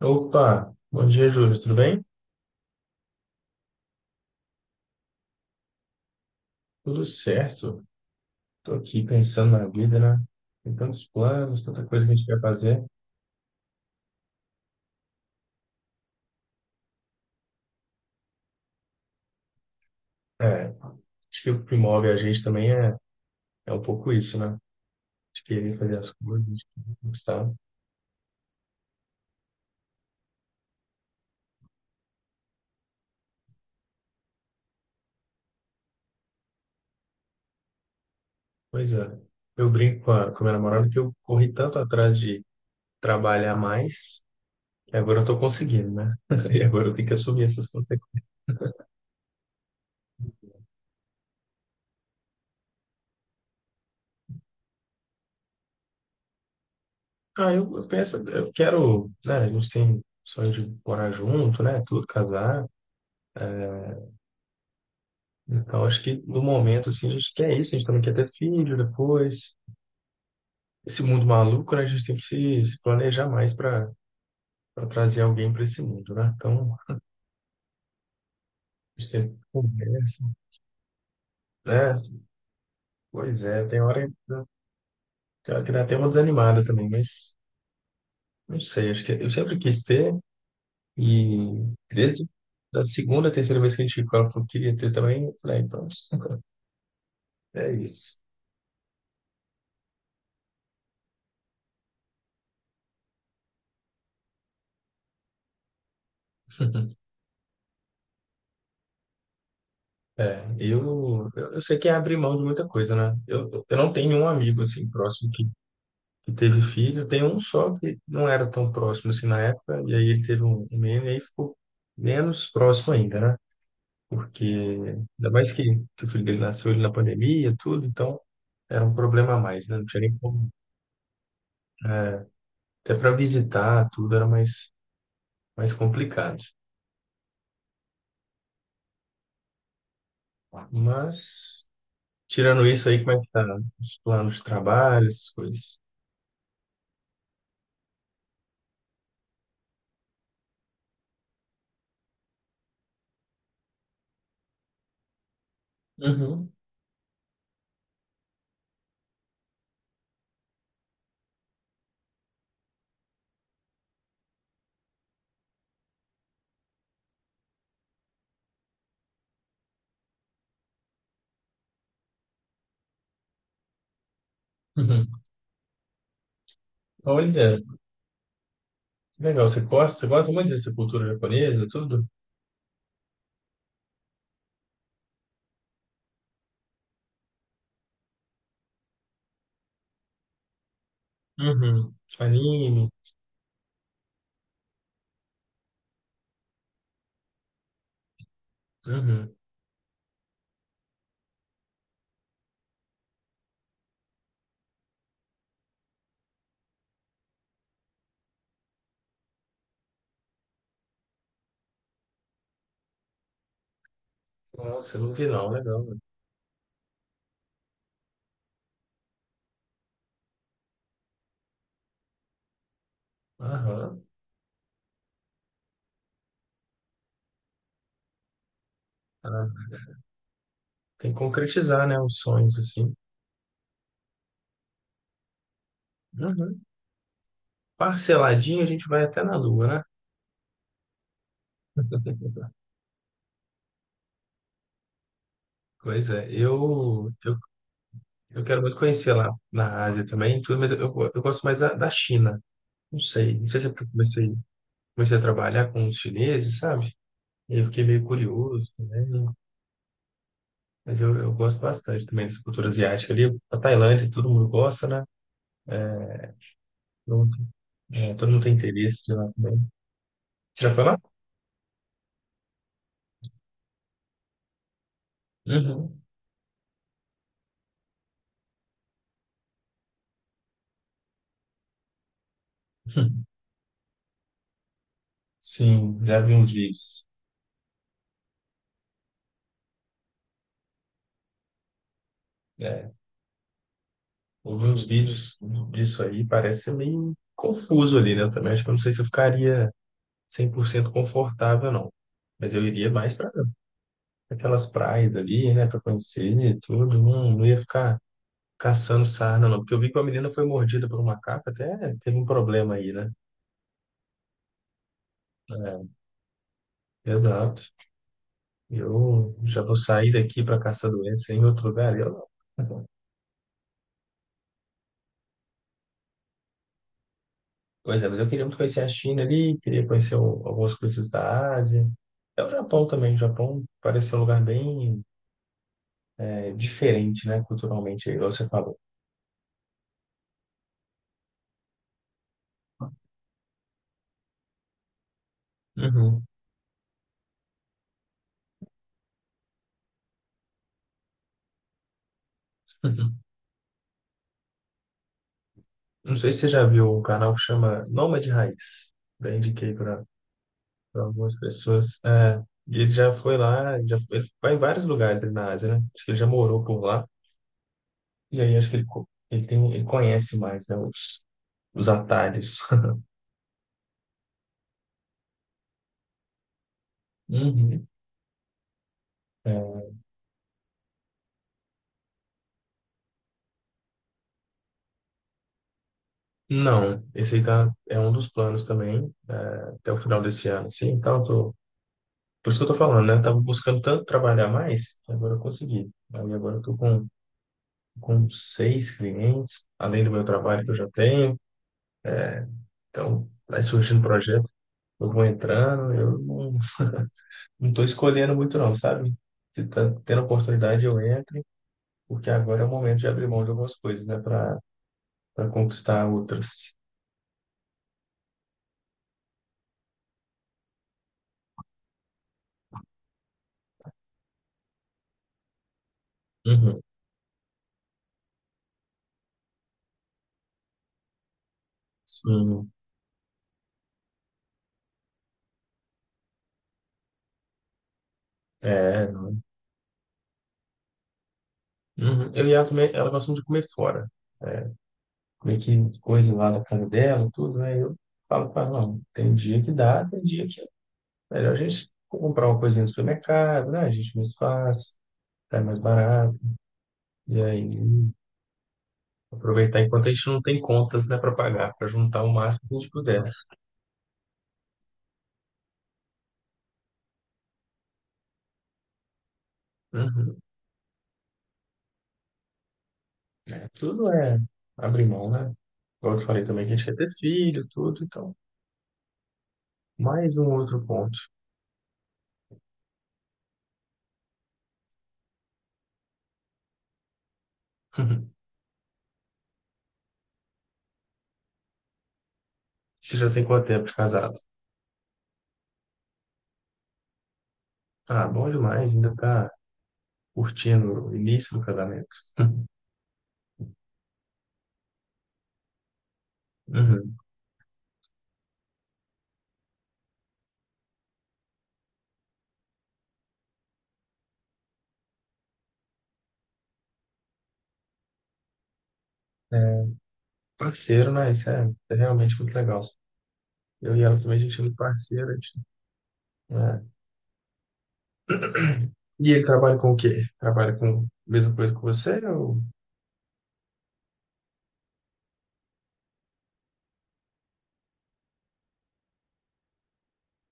Opa, bom dia, Júlio. Tudo bem? Tudo certo. Tô aqui pensando na vida, né? Tem tantos planos, tanta coisa que a gente quer fazer. É, acho que o que move a gente também é um pouco isso, né? De querer fazer as coisas, de querer conquistar. Pois é. Eu brinco com a minha namorada que eu corri tanto atrás de trabalhar mais, que agora eu tô conseguindo, né? E agora eu tenho que assumir essas consequências. Ah, eu penso, eu quero, né? A gente tem sonho de morar junto, né? Tudo casar. Então, acho que no momento, assim, a gente quer isso, a gente também quer ter filho depois. Esse mundo maluco, né? A gente tem que se planejar mais para trazer alguém para esse mundo, né? Então, a gente sempre conversa, né? Pois é, tem hora que dá até uma desanimada também, mas não sei, acho que eu sempre quis ter e desde da segunda, terceira vez que a gente falou que eu queria ter também, eu falei, "Ah, então, é isso. É, eu sei que é abrir mão de muita coisa, né? Eu não tenho um amigo assim próximo que teve filho. Tem um só que não era tão próximo assim na época, e aí ele teve um menino e aí ficou menos próximo ainda, né? Porque ainda mais que o filho dele nasceu ele na pandemia, tudo, então era um problema a mais, né? Não tinha nem como. Até para visitar, tudo era mais complicado. Mas, tirando isso aí, como é que tá os planos de trabalho, essas coisas? Uhum. Uhum. Olha, que legal. Você gosta muito dessa cultura japonesa, tudo? Uhum. Anime. Uhum. Nossa, eu não vi não, legal. Mano. Aham. Ah, tem que concretizar, né, os sonhos assim. Uhum. Parceladinho a gente vai até na Lua, né? Pois é, eu quero muito conhecer lá na Ásia também, tudo, mas eu gosto mais da China. Não sei se é porque eu comecei a trabalhar com os chineses, sabe? E eu fiquei meio curioso também, né? Mas eu gosto bastante também dessa cultura asiática ali. A Tailândia, todo mundo gosta, né? Todo mundo, é, todo mundo tem interesse de lá também. Você já foi lá? Uhum. Sim, já vi uns vídeos. É, ouvi uns vídeos disso aí, parece ser meio confuso ali, né? Eu também acho que eu não sei se eu ficaria 100% confortável, não. Mas eu iria mais para aquelas praias ali, né? Para conhecer e tudo. Não, não ia ficar caçando sarna, não. Porque eu vi que uma menina foi mordida por um macaco, até teve um problema aí, né? É, exato. Eu já vou sair daqui para caçar doença em outro lugar. Por exemplo, eu queria muito conhecer a China ali, queria conhecer algumas coisas da Ásia. É o Japão também. O Japão parece ser um lugar bem diferente, né, culturalmente, aí, igual você falou. Uhum. Uhum. Não sei se você já viu um canal que chama Nômade Raiz. Já indiquei para algumas pessoas. É, e ele já foi lá, ele vai em vários lugares ali na Ásia, né? Acho que ele já morou por lá. E aí acho que ele tem, ele conhece mais, né, os atalhos. Uhum. Não, esse aí tá, é um dos planos também, é, até o final desse ano, assim, então eu tô, por isso que eu tô falando, né, eu tava buscando tanto trabalhar mais, que agora eu consegui, aí agora eu tô com seis clientes, além do meu trabalho que eu já tenho, então vai surgindo projeto, eu vou entrando, eu não, não tô escolhendo muito não, sabe? Se tá tendo oportunidade eu entro, porque agora é o momento de abrir mão de algumas coisas, né, para conquistar outras. Uhum, sim, é, Uhum. Eu e ela também, ela gosta muito de comer fora. Comer que coisa lá da casa dela, tudo, né? Eu falo para ela, não, tem dia que dá, tem dia que é melhor a gente comprar uma coisinha no supermercado, né? A gente mais fácil, sai mais barato. E aí, aproveitar enquanto a gente não tem contas, né, para pagar, para juntar o máximo que a gente puder. Uhum. É, tudo é abrir mão, né? Igual eu te falei também que a gente quer ter filho, tudo, então. Mais um outro ponto. Você já tem quanto tempo de casado? Ah, bom demais, ainda tá curtindo o início do casamento. Uhum. É, parceiro, né? Isso é realmente muito legal. Eu e ela também, a gente é muito parceira. Né? E ele trabalha com o quê? Trabalha com a mesma coisa que você? Ou.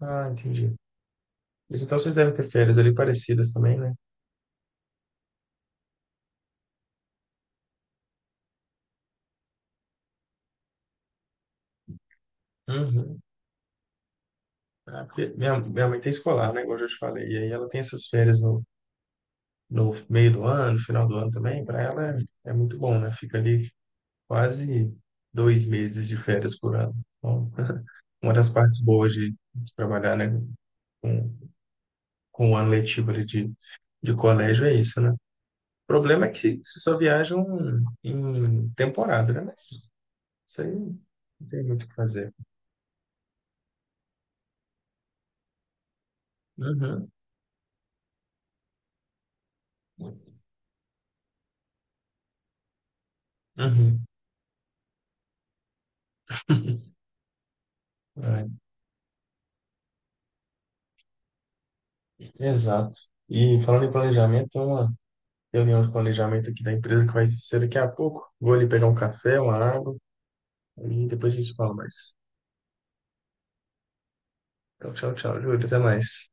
Ah, entendi. Mas então vocês devem ter férias ali parecidas também, né? Uhum. Ah, porque minha mãe tem escolar, né? Igual eu já te falei. E aí ela tem essas férias no meio do ano, no final do ano também. Para ela é muito bom, né? Fica ali quase 2 meses de férias por ano. Então, uma das partes boas de trabalhar, né, com, com o ano letivo ali de colégio é isso, né? O problema é que se só viajam em temporada, né? Mas isso aí não tem muito o que fazer. Uhum, uhum. É, exato. E falando em planejamento, tem uma reunião de planejamento aqui da empresa que vai ser daqui a pouco. Vou ali pegar um café, uma água, e depois a gente fala mais. Então, tchau, tchau, Júlio. Até mais.